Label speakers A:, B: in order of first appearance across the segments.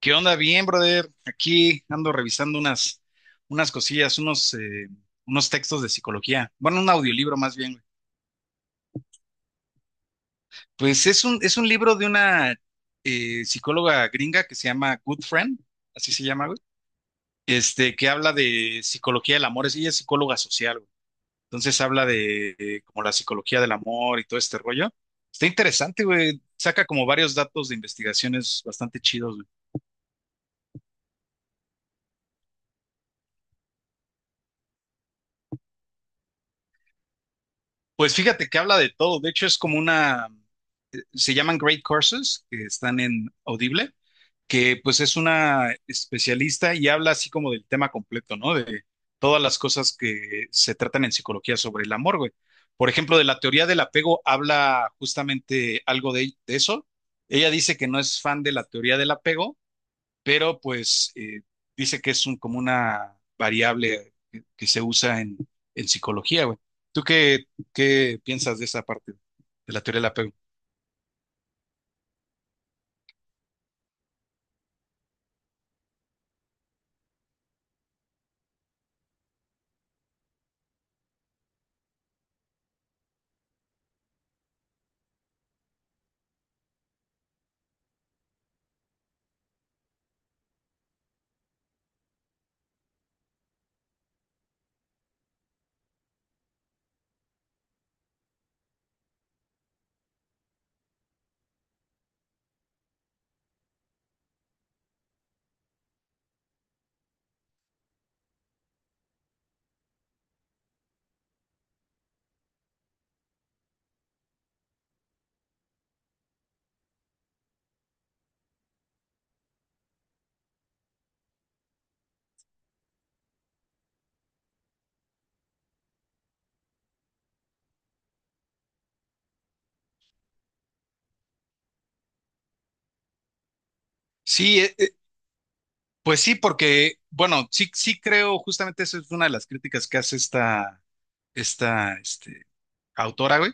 A: ¿Qué onda? Bien, brother. Aquí ando revisando unas cosillas, unos textos de psicología. Bueno, un audiolibro más bien, güey. Pues es un libro de una psicóloga gringa que se llama Good Friend, así se llama, güey. Que habla de psicología del amor. Ella es psicóloga social, güey. Entonces habla de, como la psicología del amor y todo este rollo. Está interesante, güey. Saca como varios datos de investigaciones bastante chidos, güey. Pues fíjate que habla de todo. De hecho, es como una, se llaman Great Courses, que están en Audible, que pues es una especialista y habla así como del tema completo, ¿no? De todas las cosas que se tratan en psicología sobre el amor, güey. Por ejemplo, de la teoría del apego habla justamente algo de eso. Ella dice que no es fan de la teoría del apego, pero pues dice que es un, como una variable que se usa en psicología, güey. ¿Tú qué, ¿qué piensas de esa parte de la teoría del apego? Sí, pues sí, porque, bueno, sí creo, justamente eso es una de las críticas que hace esta autora, güey,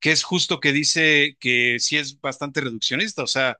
A: que es justo que dice que sí es bastante reduccionista, o sea,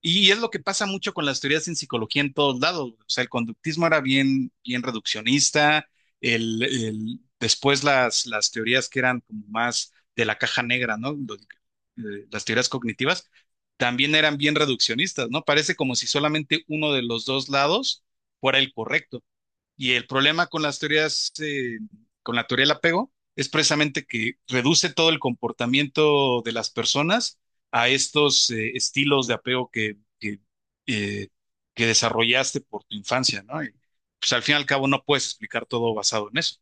A: y es lo que pasa mucho con las teorías en psicología en todos lados, o sea, el conductismo era bien reduccionista, después las teorías que eran como más de la caja negra, ¿no? Las teorías cognitivas también eran bien reduccionistas, ¿no? Parece como si solamente uno de los dos lados fuera el correcto. Y el problema con con la teoría del apego, es precisamente que reduce todo el comportamiento de las personas a estos estilos de apego eh, que desarrollaste por tu infancia, ¿no? Y pues al fin y al cabo no puedes explicar todo basado en eso.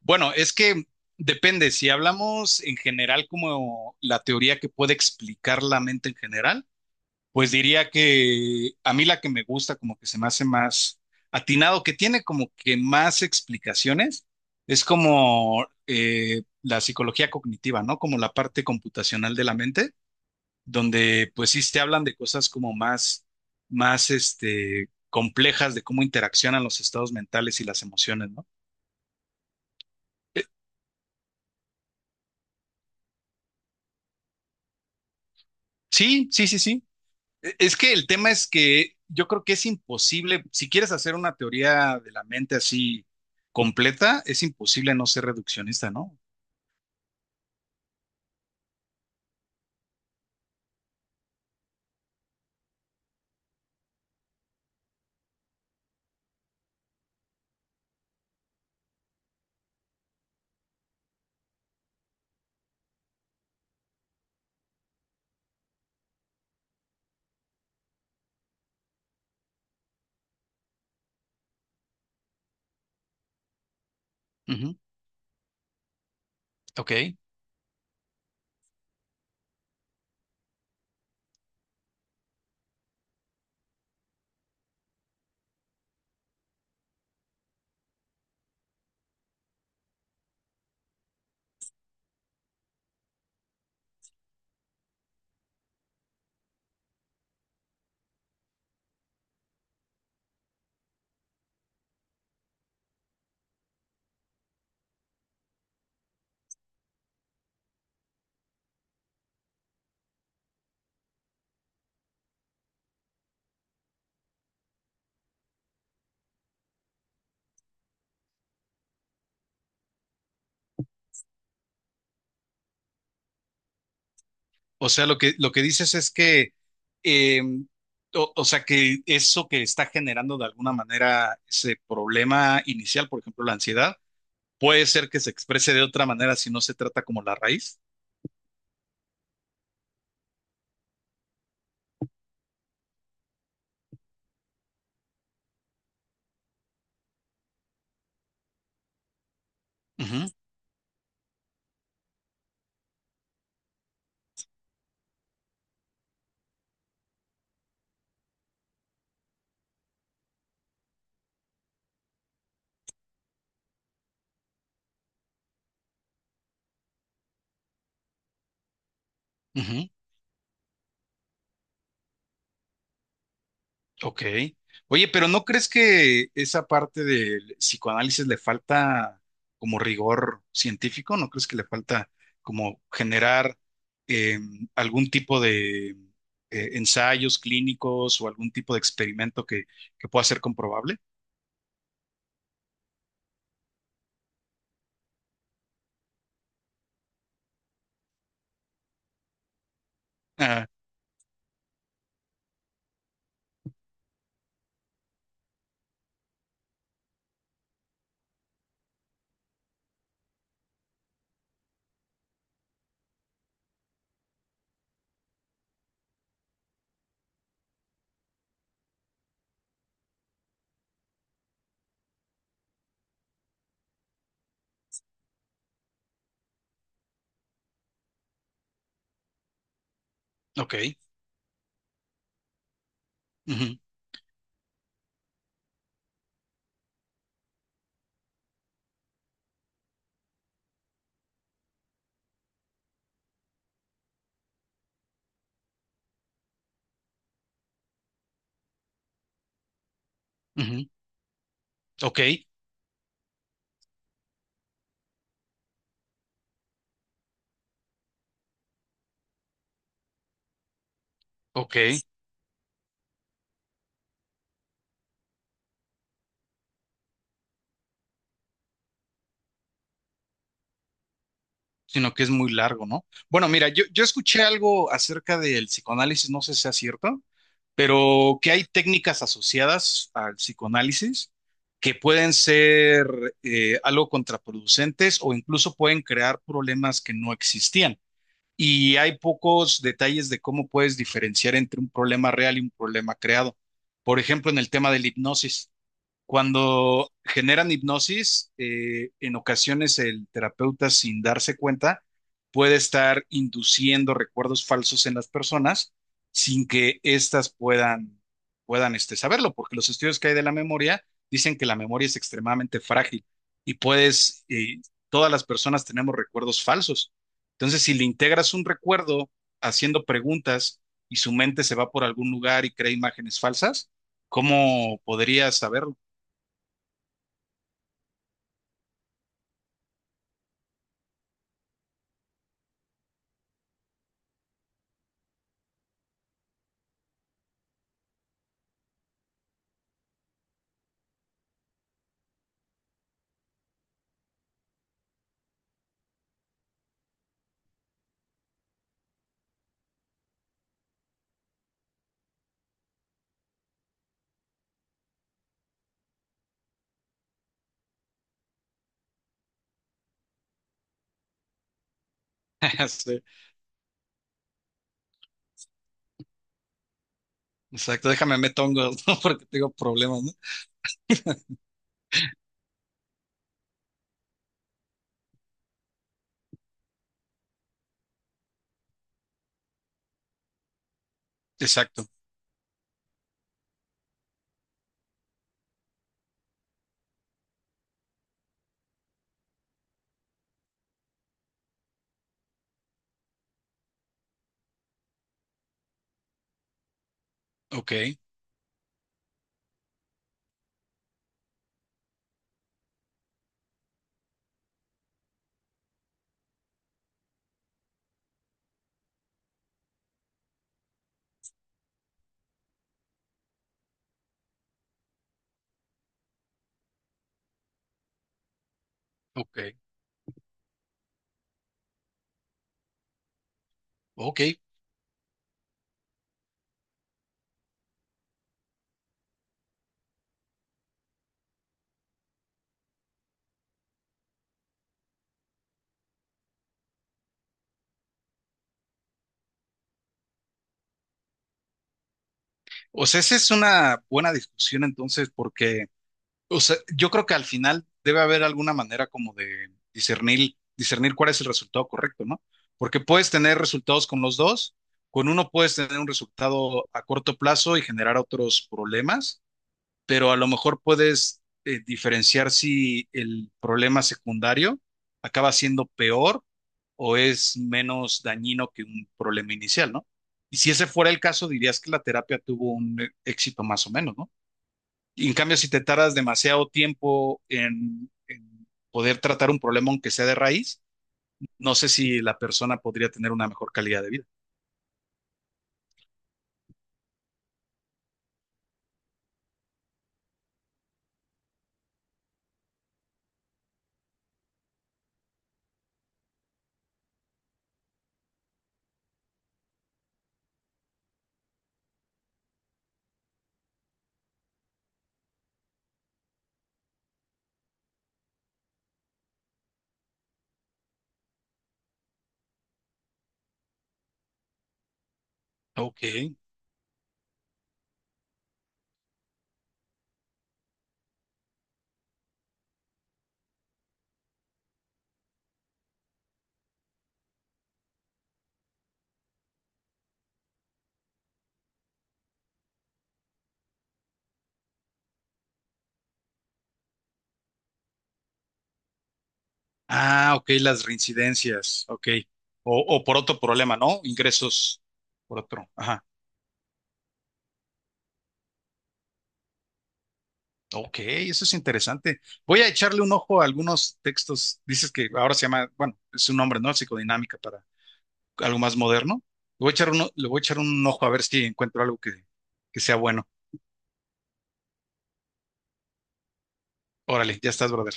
A: Bueno, es que depende, si hablamos en general como la teoría que puede explicar la mente en general, pues diría que a mí la que me gusta, como que se me hace más atinado, que tiene como que más explicaciones, es como la psicología cognitiva, ¿no? Como la parte computacional de la mente, donde pues sí te hablan de cosas como más, más complejas de cómo interaccionan los estados mentales y las emociones, ¿no? Eh, sí, sí. Es que el tema es que yo creo que es imposible, si quieres hacer una teoría de la mente así completa, es imposible no ser reduccionista, ¿no? Ujú. Ok. O sea, lo que dices es que, eh, o sea, que eso que está generando de alguna manera ese problema inicial, por ejemplo, la ansiedad, puede ser que se exprese de otra manera si no se trata como la raíz. Ujú, ujú. Ok. Oye, pero ¿no crees que esa parte del psicoanálisis le falta como rigor científico? ¿No crees que le falta como generar eh, algún tipo de ensayos clínicos o algún tipo de experimento que pueda ser comprobable? Ah, ok. Ujú, ujú. Ok, ok. Sino que es muy largo, ¿no? Bueno, mira, yo escuché algo acerca del psicoanálisis, no sé si sea cierto, pero que hay técnicas asociadas al psicoanálisis que pueden ser algo contraproducentes o incluso pueden crear problemas que no existían. Y hay pocos detalles de cómo puedes diferenciar entre un problema real y un problema creado. Por ejemplo, en el tema de la hipnosis. Cuando generan hipnosis, en ocasiones el terapeuta, sin darse cuenta, puede estar induciendo recuerdos falsos en las personas sin que éstas puedan saberlo, porque los estudios que hay de la memoria dicen que la memoria es extremadamente frágil y todas las personas tenemos recuerdos falsos. Entonces, si le integras un recuerdo haciendo preguntas y su mente se va por algún lugar y crea imágenes falsas, ¿cómo podrías saberlo? Sí, exacto, déjame meter hongos, ¿no? Porque tengo problemas, ¿no? Exacto, ok, ok, ok. O sea, esa es una buena discusión entonces, porque, o sea, yo creo que al final debe haber alguna manera como de discernir cuál es el resultado correcto, ¿no? Porque puedes tener resultados con los dos, con uno puedes tener un resultado a corto plazo y generar otros problemas, pero a lo mejor puedes diferenciar si el problema secundario acaba siendo peor o es menos dañino que un problema inicial, ¿no? Y si ese fuera el caso, dirías que la terapia tuvo un éxito más o menos, ¿no? Y en cambio, si te tardas demasiado tiempo en poder tratar un problema, aunque sea de raíz, no sé si la persona podría tener una mejor calidad de vida. Ok. Ah, ok, las reincidencias, ok. O por otro problema, ¿no? Ingresos por otro. Ajá. Ok, eso es interesante. Voy a echarle un ojo a algunos textos. Dices que ahora se llama, bueno, es un nombre, ¿no? Psicodinámica para algo más moderno. Le voy a echar le voy a echar un ojo a ver si encuentro algo que sea bueno. Órale, ya estás, brother.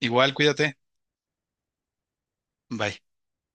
A: Igual, cuídate. Bye.